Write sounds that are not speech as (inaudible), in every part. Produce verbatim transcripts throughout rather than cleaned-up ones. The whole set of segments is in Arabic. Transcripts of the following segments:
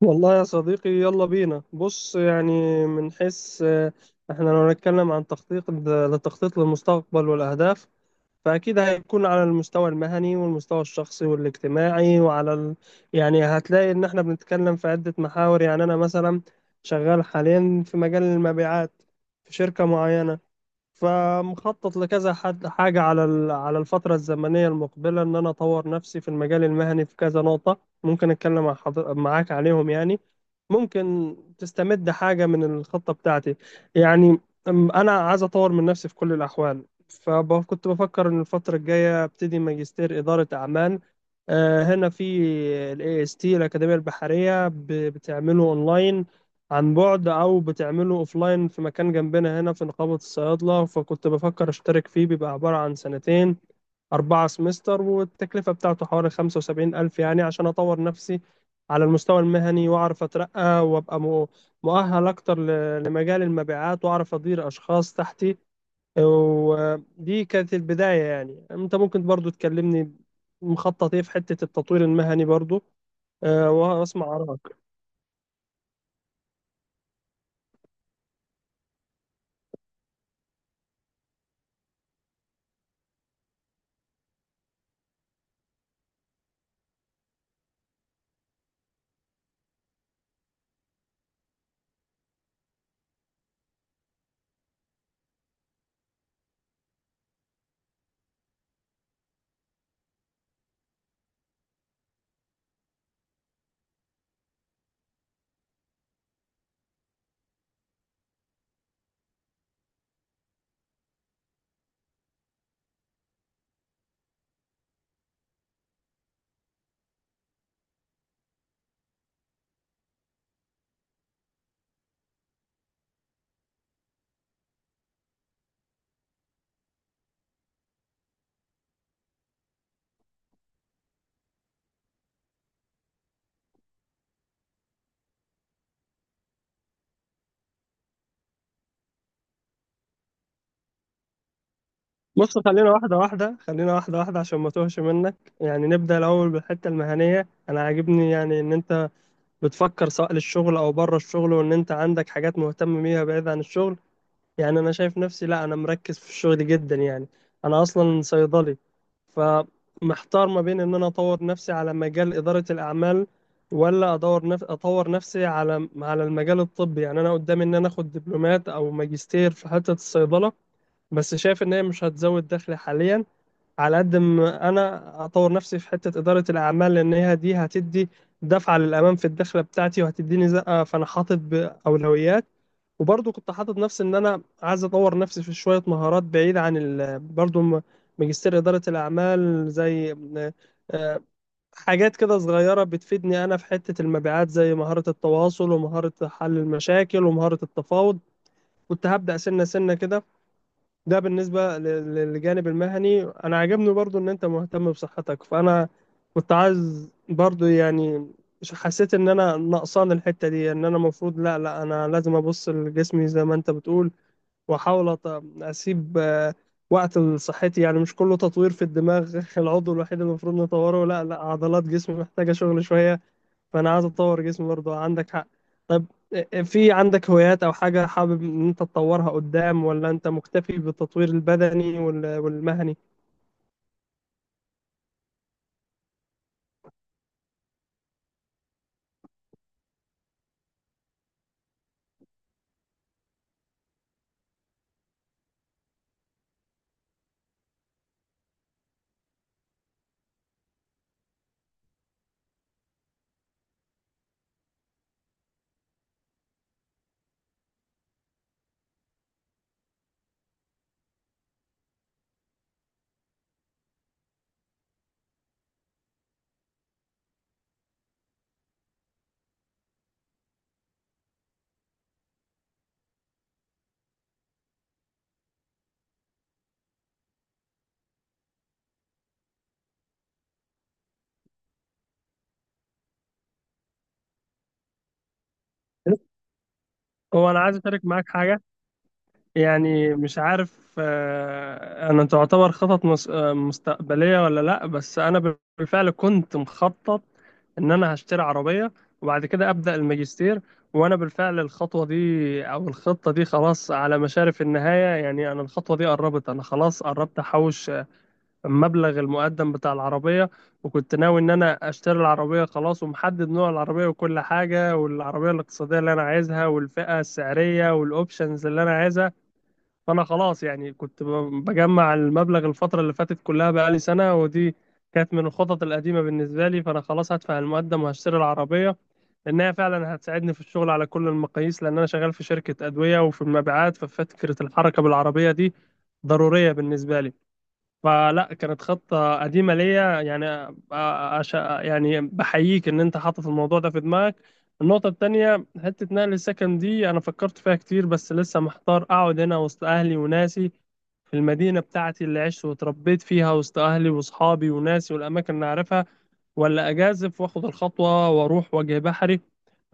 والله يا صديقي، يلا بينا. بص، يعني من حيث آه، احنا لو نتكلم عن تخطيط التخطيط للمستقبل والأهداف، فأكيد هيكون على المستوى المهني والمستوى الشخصي والاجتماعي وعلى ال... يعني هتلاقي إن احنا بنتكلم في عدة محاور. يعني أنا مثلا شغال حاليا في مجال المبيعات في شركة معينة، فمخطط لكذا حد حاجة على ال- على الفترة الزمنية المقبلة، إن أنا أطور نفسي في المجال المهني في كذا نقطة ممكن أتكلم مع حضر... معاك عليهم يعني. ممكن تستمد حاجة من الخطة بتاعتي يعني. أم- أنا عايز أطور من نفسي في كل الأحوال، فكنت بفكر إن الفترة الجاية أبتدي ماجستير إدارة أعمال، آه، هنا في ال A S T الأكاديمية البحرية ب- بتعمله أونلاين عن بعد، او بتعمله اوفلاين في مكان جنبنا هنا في نقابة الصيادلة. فكنت بفكر اشترك فيه، بيبقى عبارة عن سنتين، أربعة سمستر، والتكلفة بتاعته حوالي خمسة وسبعين ألف، يعني عشان أطور نفسي على المستوى المهني وأعرف أترقى وأبقى مؤ- مؤهل أكتر ل- لمجال المبيعات وأعرف أدير أشخاص تحتي. ودي كانت البداية. يعني أنت ممكن برضو تكلمني مخطط إيه في حتة التطوير المهني برضو، أه، وأسمع آرائك. بص، خلينا واحدة واحدة، خلينا واحدة واحدة عشان ما توهش منك. يعني نبدأ الأول بالحتة المهنية. أنا عاجبني يعني إن أنت بتفكر سواء للشغل أو بره الشغل، وإن أنت عندك حاجات مهتم بيها بعيد عن الشغل. يعني أنا شايف نفسي، لا، أنا مركز في الشغل جدا يعني. أنا أصلا صيدلي، فمحتار ما بين إن أنا أطور نفسي على مجال إدارة الأعمال، ولا أدور نف... أطور نفسي على على المجال الطبي. يعني أنا قدامي إن أنا آخد دبلومات أو ماجستير في حتة الصيدلة، بس شايف إن هي مش هتزود دخلي حاليا على قد ما انا اطور نفسي في حته اداره الاعمال، لان هي دي هتدي دفعه للامام في الدخله بتاعتي وهتديني زقه. فانا حاطط باولويات، وبرضه كنت حاطط نفسي ان انا عايز اطور نفسي في شويه مهارات بعيده عن ال... برضه م- ماجستير اداره الاعمال، زي آه، حاجات كده صغيره بتفيدني انا في حته المبيعات زي مهاره التواصل ومهاره حل المشاكل ومهاره التفاوض. كنت هبدا سنه سنه كده. ده بالنسبة ل- ل- للجانب المهني. أنا عجبني برضو إن أنت مهتم بصحتك، فأنا كنت عايز برضو يعني ش- حسيت إن أنا نقصان الحتة دي، إن أنا المفروض لا لا أنا لازم أبص لجسمي زي ما أنت بتقول، وأحاول أط- أسيب آه، وقت لصحتي، يعني مش كله تطوير في الدماغ (laughs) العضو الوحيد اللي المفروض نطوره. لا لا، عضلات جسمي محتاجة شغل شوية. فانا عايز اطور جسمي برضه، عندك حق. طب إيه، إيه، في عندك هوايات او حاجه حابب ان انت تطورها قدام، ولا انت مكتفي بالتطوير البدني وال- والمهني؟ هو انا عايز اشارك معاك حاجه يعني، مش عارف آه، انا تعتبر خطط مس- آه، مستقبليه ولا لا، بس انا بالفعل كنت مخطط ان انا هشتري عربيه وبعد كده ابدا الماجستير. وانا بالفعل الخطوه دي، او الخطه دي خلاص على مشارف النهايه. يعني انا الخطوه دي قربت، انا خلاص قربت احوش مبلغ المقدم بتاع العربية. وكنت ناوي إن أنا أشتري العربية خلاص، ومحدد نوع العربية وكل حاجة والعربية الاقتصادية اللي أنا عايزها والفئة السعرية والأوبشنز اللي أنا عايزها. فأنا خلاص يعني كنت ب- بجمع المبلغ الفترة اللي فاتت كلها، بقالي سنة، ودي كانت من الخطط القديمة بالنسبة لي. فأنا خلاص هدفع المقدم وهشتري العربية، لأنها فعلا هتساعدني في الشغل على كل المقاييس، لأن أنا شغال في شركة أدوية وفي المبيعات، ففكرة الحركة بالعربية دي ضرورية بالنسبة لي. فلا، كانت خطة قديمة ليا يعني. آه، عش... يعني بحييك إن أنت حاطط الموضوع ده في دماغك. النقطة التانية، حتة نقل السكن دي أنا فكرت فيها كتير، بس لسه محتار أقعد هنا وسط أهلي وناسي في المدينة بتاعتي اللي عشت واتربيت فيها وسط أهلي وأصحابي وناسي والأماكن اللي أعرفها، ولا أجازف وآخد الخطوة وأروح وجه بحري،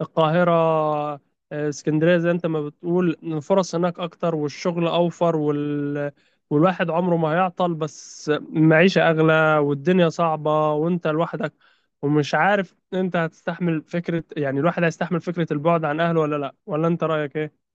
القاهرة، آه، اسكندرية، زي أنت ما بتقول إن الفرص هناك أكتر والشغل أوفر وال... والواحد عمره ما هيعطل. بس المعيشة أغلى والدنيا صعبة وأنت لوحدك، ومش عارف أنت هتستحمل فكرة، يعني الواحد هيستحمل فكرة البعد عن أهله ولا لأ، ولا أنت رأيك إيه؟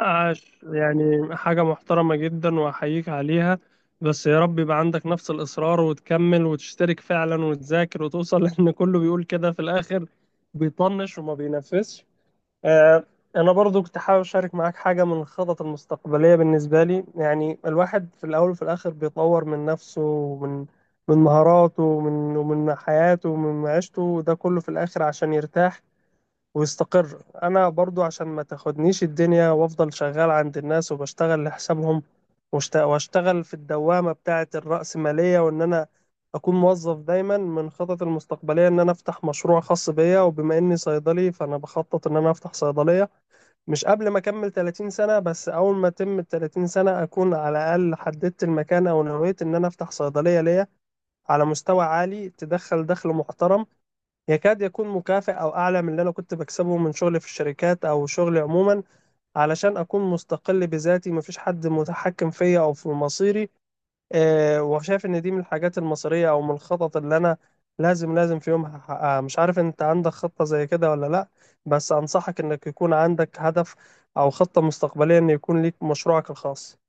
عاش، يعني حاجة محترمة جدا وأحييك عليها. بس يا رب يبقى عندك نفس الإصرار وتكمل وتشترك فعلا وتذاكر وتوصل، (laughs) لأن كله بيقول كده في الآخر بيطنش وما بينفذش. آه. أنا برضو كنت حابب أشارك معاك حاجة من الخطط المستقبلية بالنسبة لي. يعني الواحد في الأول وفي الآخر بيطور من نفسه ومن من مهاراته ومن ومن حياته ومن معيشته، وده كله في الآخر عشان يرتاح ويستقر. انا برضو عشان ما تاخدنيش الدنيا وافضل شغال عند الناس وبشتغل لحسابهم واشت- واشتغل في الدوامة بتاعة الرأسمالية، وان انا اكون موظف دايما، من خطط المستقبلية ان انا افتح مشروع خاص بيا. وبما اني صيدلي فانا بخطط ان انا افتح صيدلية مش قبل ما اكمل 30 سنة، بس اول ما اتم ال ثلاثين سنة اكون على الاقل حددت المكان او نويت ان انا افتح صيدلية ليا على مستوى عالي تدخل دخل محترم، يكاد يكون مكافئ او اعلى من اللي انا كنت بكسبه من شغلي في الشركات او شغلي عموما، علشان اكون مستقل بذاتي، مفيش حد متحكم فيا او في مصيري. آه، وشايف ان دي من الحاجات المصيرية او من الخطط اللي انا لازم لازم في يوم هحققها. مش عارف انت عندك خطة زي كده ولا لا، بس انصحك انك يكون عندك هدف او خطة مستقبلية ان يكون ليك مشروعك الخاص.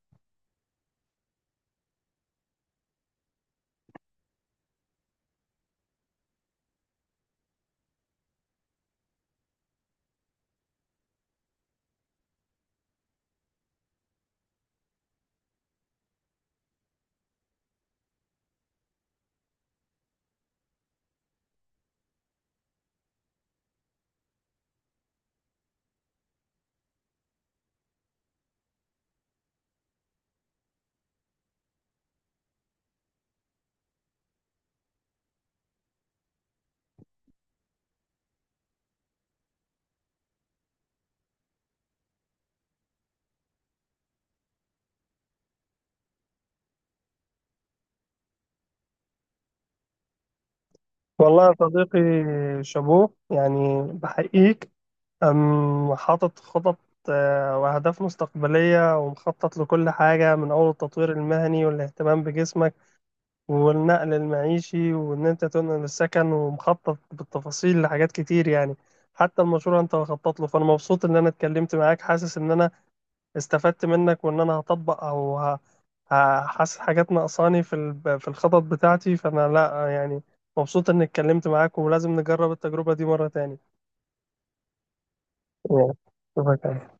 والله يا صديقي، شابوه يعني، بحقيقك. أم حاطط خطط آه، وأهداف مستقبلية ومخطط لكل حاجة من أول التطوير المهني والاهتمام بجسمك والنقل المعيشي وإن أنت تنقل السكن، ومخطط بالتفاصيل لحاجات كتير يعني، حتى المشروع أنت مخطط له. فأنا مبسوط إن أنا اتكلمت معاك، حاسس إن أنا استفدت منك، وإن أنا هطبق أو ه- ه- حاسس حاجات ناقصاني في ال- في الخطط بتاعتي، فأنا لأ يعني مبسوط إني اتكلمت معاك ولازم نجرب التجربة دي مرة تاني. Yeah. شوفك.